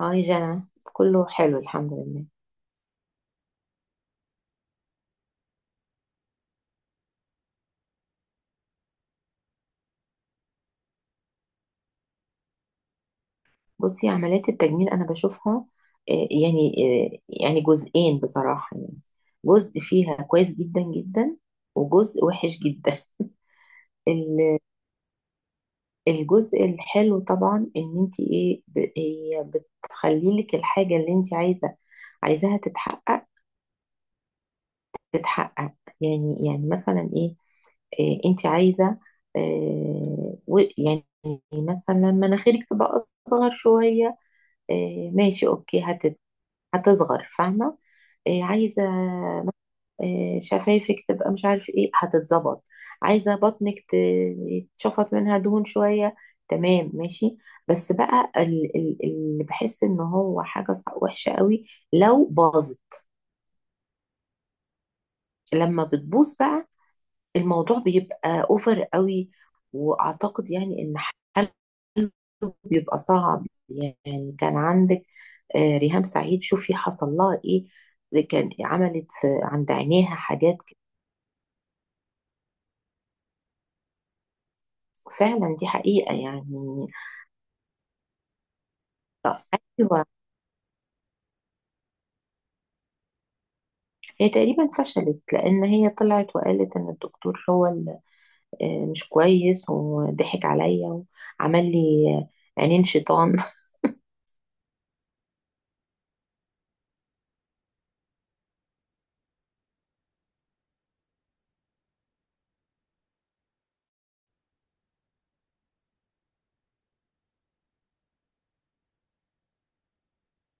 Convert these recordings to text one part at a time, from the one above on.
هاي جنى. كله حلو، الحمد لله. بصي، عمليات التجميل انا بشوفها آه، يعني آه، يعني جزئين بصراحة، يعني جزء فيها كويس جدا جدا وجزء وحش جدا. ال- الجزء الحلو طبعا ان انت ايه هي بتخلي لك الحاجة اللي انت عايزة، عايزاها تتحقق. يعني مثلا ايه, إيه انت عايزة. يعني مثلا مناخيرك تبقى اصغر شوية، ماشي اوكي هتصغر، فاهمة. عايزة شفايفك تبقى مش عارف ايه، هتتظبط. عايزة بطنك يتشفط منها دهون شوية، تمام ماشي. بس بقى اللي بحس ان هو حاجة وحشة قوي، لو باظت. لما بتبوظ بقى الموضوع بيبقى اوفر قوي، واعتقد يعني ان حله بيبقى صعب. يعني كان عندك ريهام سعيد، شوفي حصل لها ايه. ده كان عملت في عند عينيها حاجات فعلا، دي حقيقة يعني. طب ايوه، هي تقريبا فشلت لان هي طلعت وقالت ان الدكتور هو اللي مش كويس وضحك عليا وعمل لي عينين شيطان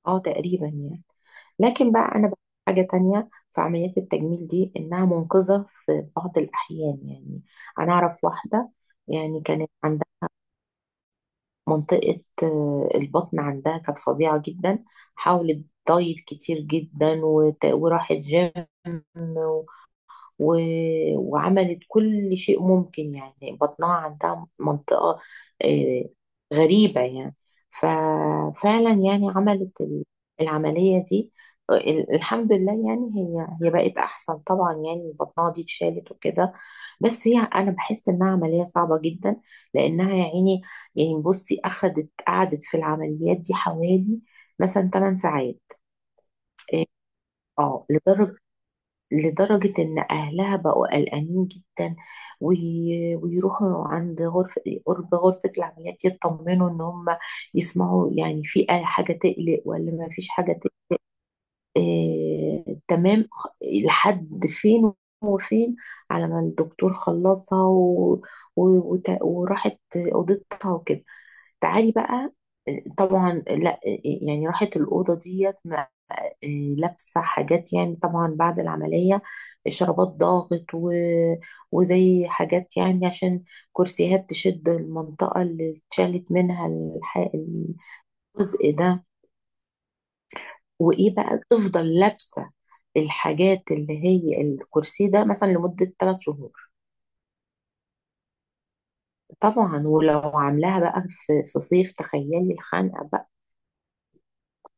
اه تقريبا يعني. لكن بقى انا بقى حاجه تانية في عمليات التجميل دي، انها منقذه في بعض الاحيان يعني. انا اعرف واحده يعني كانت عندها منطقه البطن عندها كانت فظيعه جدا. حاولت دايت كتير جدا، وراحت جيم و... وعملت كل شيء ممكن. يعني بطنها عندها منطقة آه، غريبة يعني. ففعلا يعني عملت العملية دي، الحمد لله يعني، هي بقت أحسن طبعا، يعني بطنها دي اتشالت وكده. بس أنا بحس إنها عملية صعبة جدا، لأنها يا عيني يعني بصي، قعدت في العمليات دي حوالي مثلا 8 ساعات. اه، آه، لدرجة لدرجة إن أهلها بقوا قلقانين جدا، ويروحوا عند غرفة قرب غرفة العمليات يطمنوا إن هم يسمعوا يعني في أي حاجة تقلق ولا ما فيش حاجة تقلق. تمام. لحد فين وفين، على ما الدكتور خلصها و... وراحت أوضتها وكده. تعالي بقى، طبعا لا، يعني راحت الأوضة ديت لابسة حاجات، يعني طبعا بعد العملية، شرابات ضاغط وزي حاجات يعني، عشان كرسيات تشد المنطقة اللي اتشالت منها الجزء ده. وإيه بقى، تفضل لابسة الحاجات اللي هي الكرسي ده مثلا لمدة 3 شهور. طبعا ولو عاملاها بقى في صيف، تخيلي الخنقة بقى.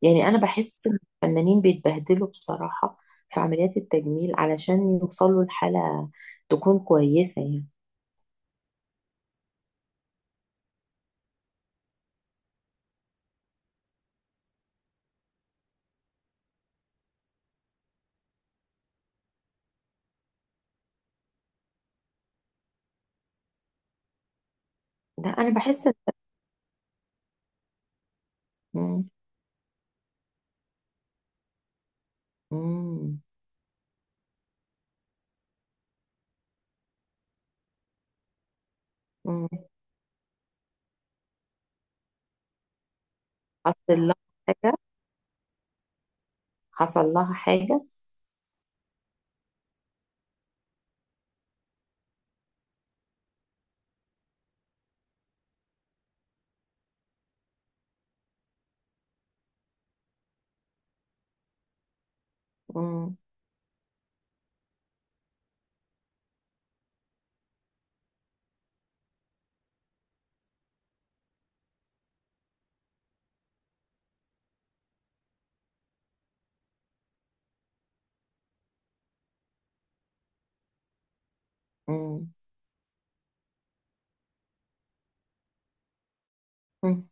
يعني انا بحس ان الفنانين بيتبهدلوا بصراحة في عمليات التجميل علشان يوصلوا لحالة تكون كويسة يعني. لا انا بحس ان مم. مم. مم. حصل لها حاجة، حصل لها حاجة؟ مم. مم. مم.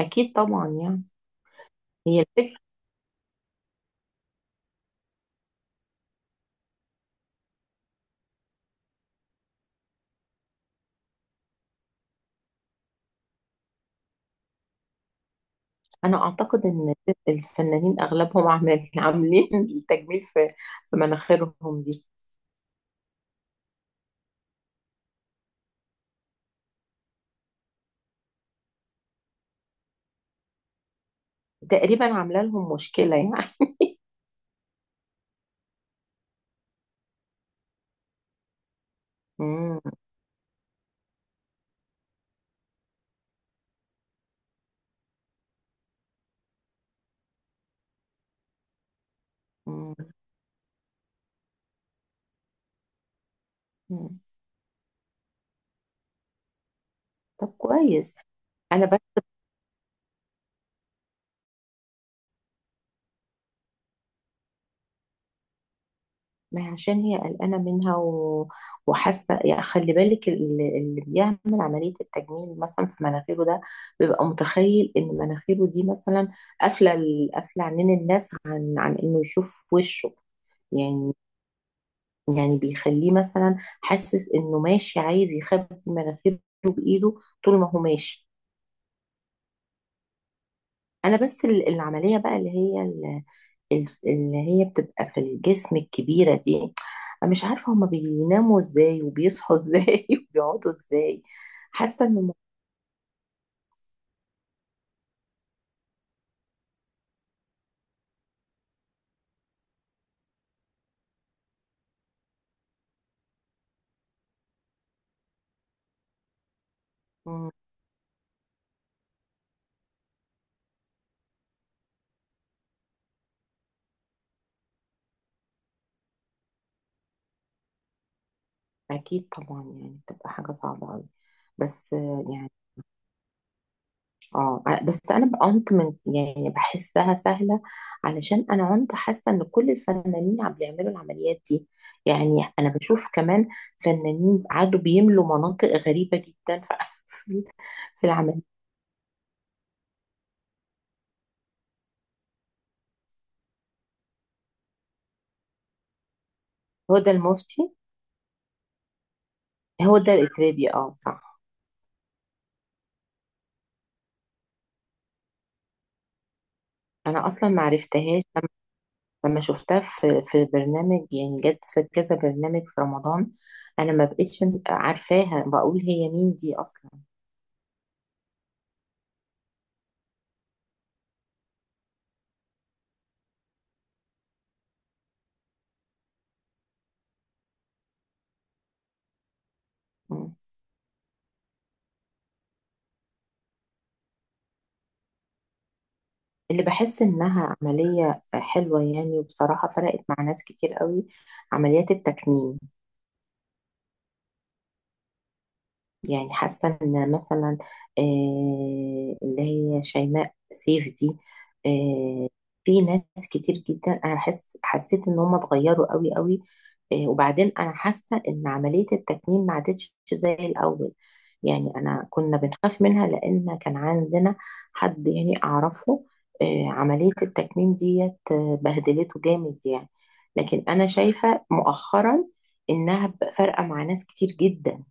اكيد طبعا يعني، هي الفكرة. انا اعتقد ان الفنانين اغلبهم عاملين التجميل في مناخيرهم دي. تقريبا عامله لهم مشكلة يعني. مم. مم. مم. طب كويس. انا بس، ما هي عشان هي قلقانة منها وحاسة يعني، خلي بالك اللي بيعمل عملية التجميل مثلا في مناخيره ده بيبقى متخيل إن مناخيره دي مثلا قافلة عنين الناس، عن إنه يشوف وشه يعني يعني بيخليه مثلا حاسس إنه ماشي عايز يخبي مناخيره بإيده طول ما هو ماشي. أنا بس العملية بقى اللي هي بتبقى في الجسم الكبيرة دي، أنا مش عارفة هما بيناموا ازاي وبيصحوا ازاي وبيقعدوا ازاي. حاسة ان مم، أكيد طبعا، يعني بتبقى حاجة صعبة أوي. بس يعني اه، بس أنا عنت من يعني بحسها سهلة، علشان أنا عنت حاسة ان كل الفنانين عم بيعملوا العمليات دي يعني. أنا بشوف كمان فنانين قعدوا بيملوا مناطق غريبة جدا في في العملية. هدى المفتي. هو ده الإتربي، اه صح. انا اصلا ما عرفتهاش، لما شفتها في برنامج، يعني جت في كذا برنامج في رمضان. انا ما بقتش عارفاها، بقول هي مين دي اصلا. مم. اللي بحس انها عملية حلوة يعني وبصراحة فرقت مع ناس كتير قوي، عمليات التكميم. يعني حاسة ان مثلا اللي هي شيماء سيف دي. آه، في ناس كتير جدا انا حسيت ان هم اتغيروا قوي قوي. وبعدين انا حاسة ان عملية التكميم ما عادتش زي الاول يعني. انا كنا بنخاف منها، لان كان عندنا حد يعني اعرفه عملية التكميم ديت بهدلته جامد يعني. لكن انا شايفة مؤخرا انها بقى فارقة مع ناس كتير جدا.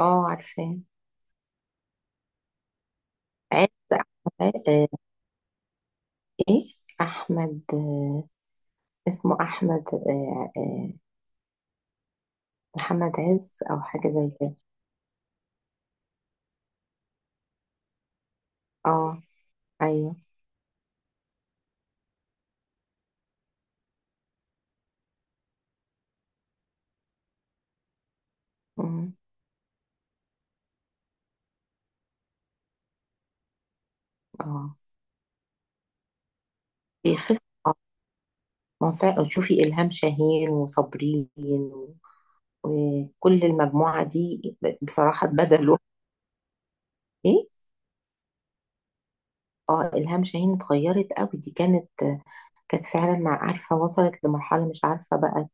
اه عارفة. عارف أحمد ايه، احمد اسمه احمد محمد عز او حاجه زي كده. اه ايوه، أمم، اه. في قصه، آه، ما فا- شوفي الهام شاهين وصابرين و- وكل المجموعه دي بصراحه اتبدلوا. ايه. اه الهام شاهين اتغيرت قوي، دي كانت فعلا مع عارفة وصلت لمرحلة مش عارفة، بقت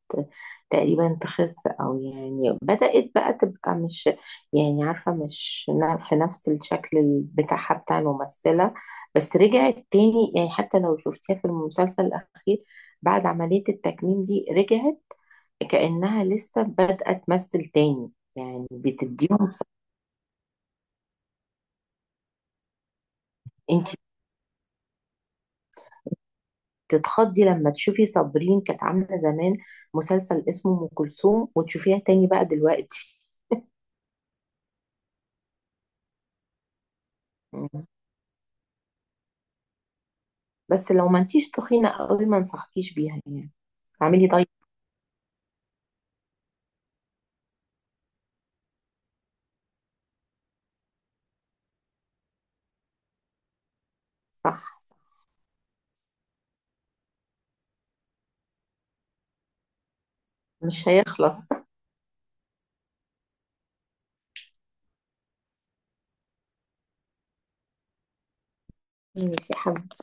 تقريبا تخس، أو يعني بدأت بقى تبقى مش، يعني عارفة، مش في نفس الشكل بتاعها بتاع الممثلة. بس رجعت تاني يعني، حتى لو شفتيها في المسلسل الأخير بعد عملية التكميم دي، رجعت كأنها لسه بادئة تمثل تاني يعني. بتديهم انت تتخضي لما تشوفي صابرين كانت عاملة زمان مسلسل اسمه أم كلثوم، وتشوفيها تاني بقى دلوقتي. مم. بس لو ما انتيش تخينة قوي ما انصحكيش بيها يعني، اعملي دايت. صح، مش هيخلص. ماشي يا حبيبتي.